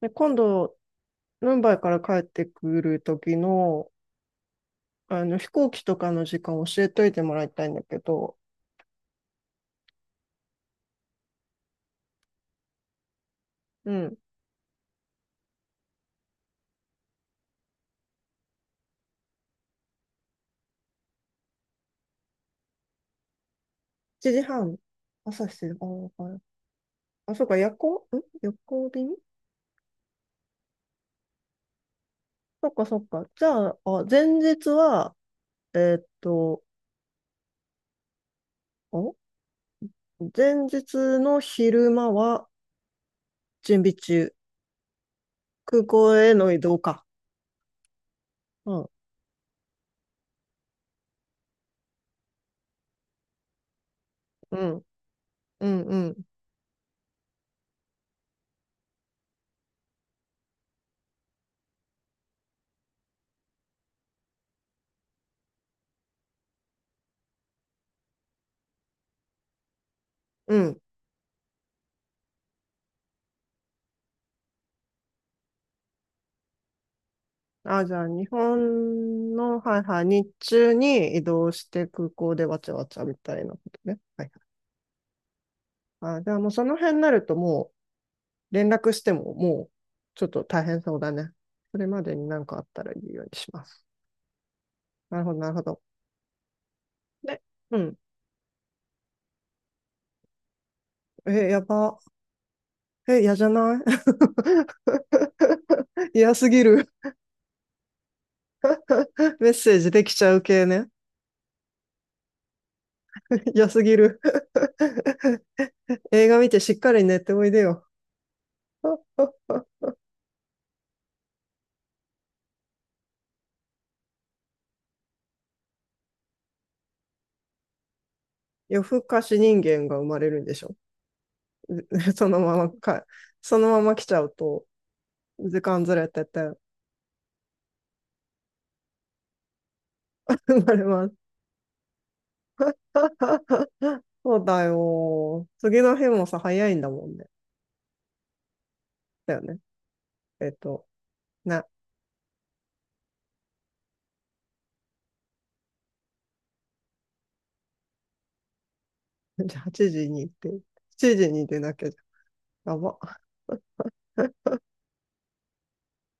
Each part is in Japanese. で、今度、ムンバイから帰ってくる時の、飛行機とかの時間教えといてもらいたいんだけど。うん。7時半、朝してああ、はい。あ、そっか、夜行、夜行便。そっか、そっか。じゃあ、あ、前日は、えーっと、お前日の昼間は準備中。空港への移動か。うん、うん、うん、うん、うん。あ、じゃあ、日本の、はいはい、日中に移動して空港でわちゃわちゃみたいなことね。はいはい。あ、じゃあ、もうその辺になるともう連絡してももうちょっと大変そうだね。それまでに何かあったら言うようにします。なるほど、なるほど。で、うん。え、やば。え、嫌じゃない？ 嫌すぎる。メッセージできちゃう系ね。嫌すぎる。映画見てしっかり寝ておいでよ。夜更かし人間が生まれるんでしょ？ そのままか、そのまま来ちゃうと、時間ずれてて、生まれます。そうだよ。次の日もさ、早いんだもんね。だよね。えっと、ね。じゃあ8時に行って、時に出なきゃじゃん。やば。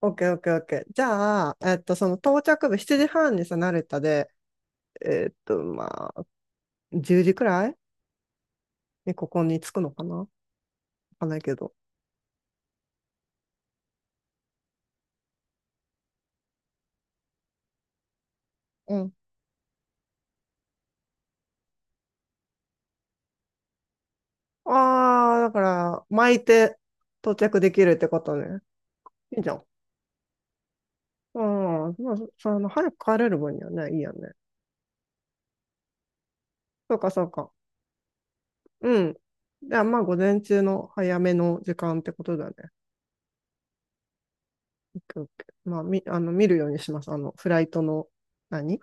オッケーオッケーオッケー。じゃあ、えっと、その到着部7時半にさ、成田で、まあ、10時くらいにここに着くのかな、わかんないけど。うん。ああ、だから、巻いて到着できるってことね。いいじゃん。ああ、まあ、早く帰れる分にはね、いいよね。そうか、そうか。うん。じゃあ、まあ、午前中の早めの時間ってことだね。オッケーオッケー。まあ、見るようにします。あの、フライトの、何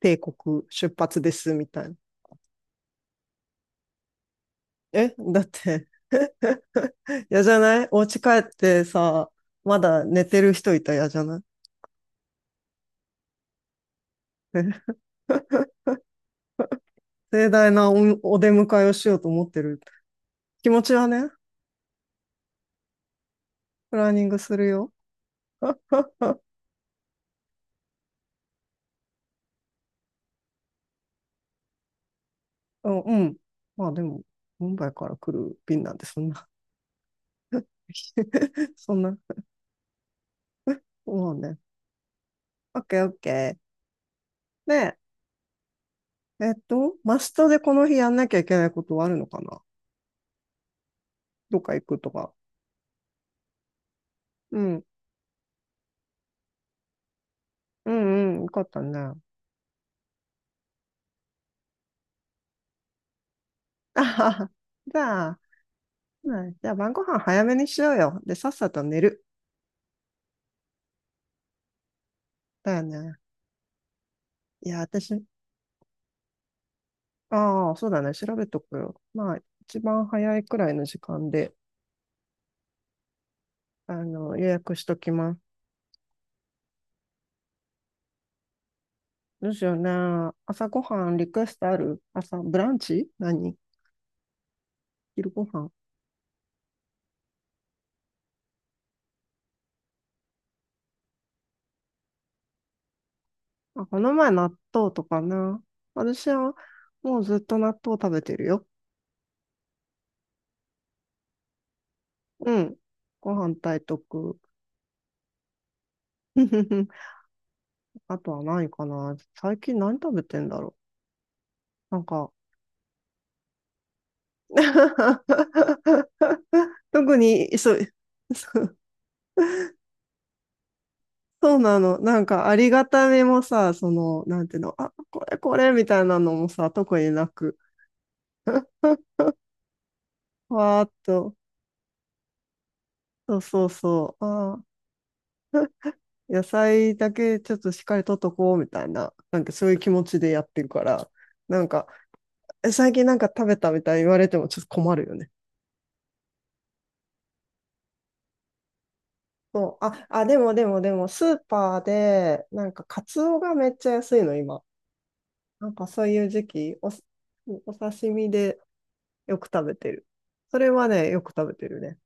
帝国出発です、みたいな。え、だって、嫌じゃない？お家帰ってさ、まだ寝てる人いたら嫌じゃない？え。 盛大なお出迎えをしようと思ってる。気持ちはね、プランニングするよ。うん、うん。まあでも、ムンバイから来る便なんで、そんな、 そんな。そうね。オッケーオッケー。で、えっと、マストでこの日やんなきゃいけないことはあるのかな？どっか行くとか。うん、うんうん、よかったね。あはは。じゃあ、ね、じゃあ晩ご飯早めにしようよ。で、さっさと寝る。だよね。いや、私、ああ、そうだね。調べとくよ。まあ、一番早いくらいの時間で、あの、予約しときます。どうしようね。朝ごはんリクエストある？朝、ブランチ、何、昼ごはん。あ、この前納豆とかな。私はもうずっと納豆食べてるよ。うん。ご飯炊いとく。あとは何かな。最近何食べてんだろう。特に、そう、そう。そうなの。なんかありがたみもさ、その、なんていうの、あ、これこれみたいなのもさ、特になく。わーっと。そうそうそう。あー、野菜だけちょっとしっかりとっとこうみたいな、なんかそういう気持ちでやってるから、なんか、え、最近なんか食べたみたいに言われてもちょっと困るよね。そう、あ、あ、でもでもでも、スーパーで、なんかカツオがめっちゃ安いの、今。なんかそういう時期、お刺身でよく食べてる。それはね、よく食べてるね。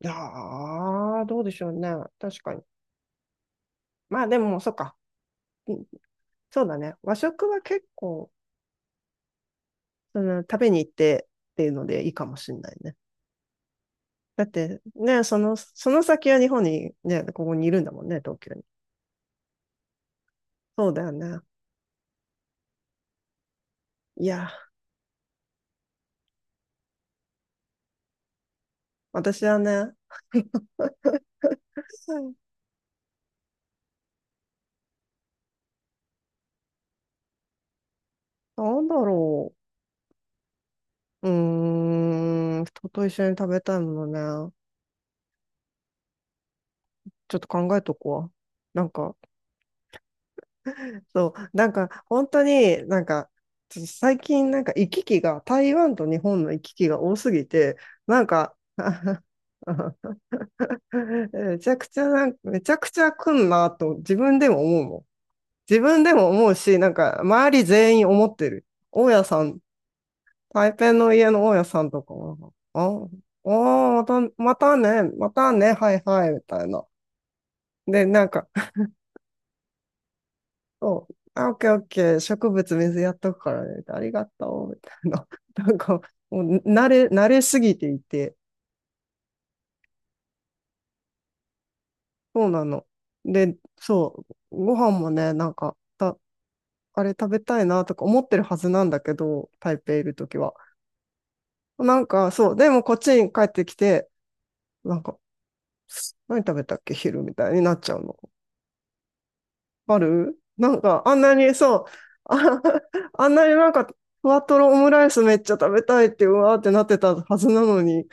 いやー、どうでしょうね。確かに。まあでも、そっか。うん。そうだね。和食は結構、その、食べに行ってっていうのでいいかもしれないね。だってね、その、その先は日本にね、ここにいるんだもんね、東京に。そうだよね。いや、私はね、なんだろう。うーん、人と一緒に食べたいものね。ちょっと考えとこわ。なんか、そう、なんか、本当に、なんか、ちょっと最近、なんか行き来が、台湾と日本の行き来が多すぎて、なんか、めちゃくちゃめちゃくちゃ来んなと自分でも思うもん。自分でも思うし、なんか、周り全員思ってる。大家さん、台北の家の大家さんとかも、あ、あー、また、またね、またね、はいはい、みたいな。で、なんか、そう、あ、オッケーオッケー、植物水やっとくからね、ありがとう、みたいな。なんか、もう慣れすぎていて、そうなの。で、そう、ご飯もね、なんか、あれ食べたいなとか思ってるはずなんだけど、台北いるときは。なんか、そう、でもこっちに帰ってきて、なんか、何食べたっけ昼みたいになっちゃうの。あるなんか、あんなにそう、あ、あんなになんか、ふわとろオムライスめっちゃ食べたいって、うわーってなってたはずなのに、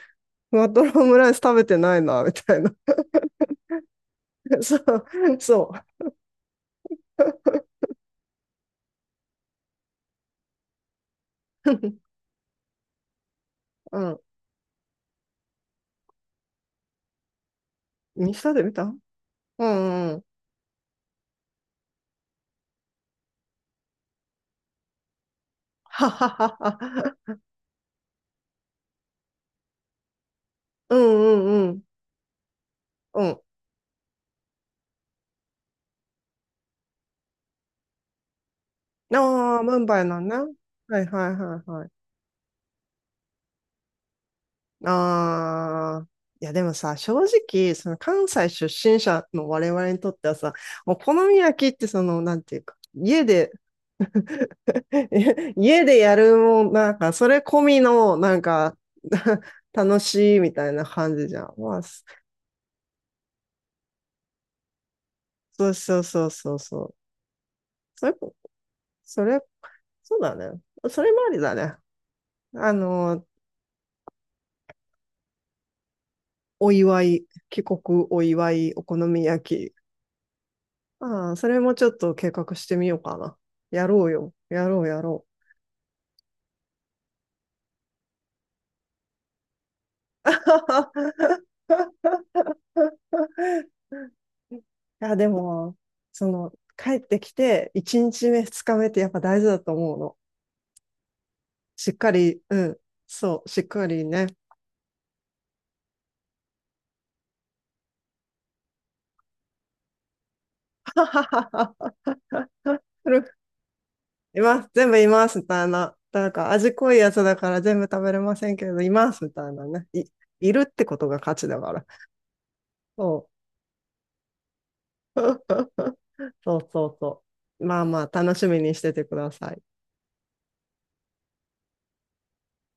ふわとろオムライス食べてないな、みたいな。そう、そう。うん。インスタで見た。うんうん。はははは。うんうんうん。うん。ああ、ムンバイなんね。はいはいはいはい。ああ、いやでもさ、正直、その関西出身者の我々にとってはさ、お好み焼きってその、なんていうか、家で、家でやるもん、なんか、それ込みの、なんか、楽しいみたいな感じじゃん。まあ、そ、そうそうそうそうそう。それ、それ、そうだね。それもありだね。あの、お祝い、帰国お祝い、お好み焼き。ああ、それもちょっと計画してみようかな。やろうよ。やろう、やろう。いや、でも、その、帰ってきて、1日目、2日目ってやっぱ大事だと思うの。しっかり、うん、そう、しっかりね。います、全部います、みたいな。なんか味濃いやつだから全部食べれませんけど、います、みたいなね。い、いるってことが価値だから。そう。そうそうそう。まあまあ、楽しみにしててください。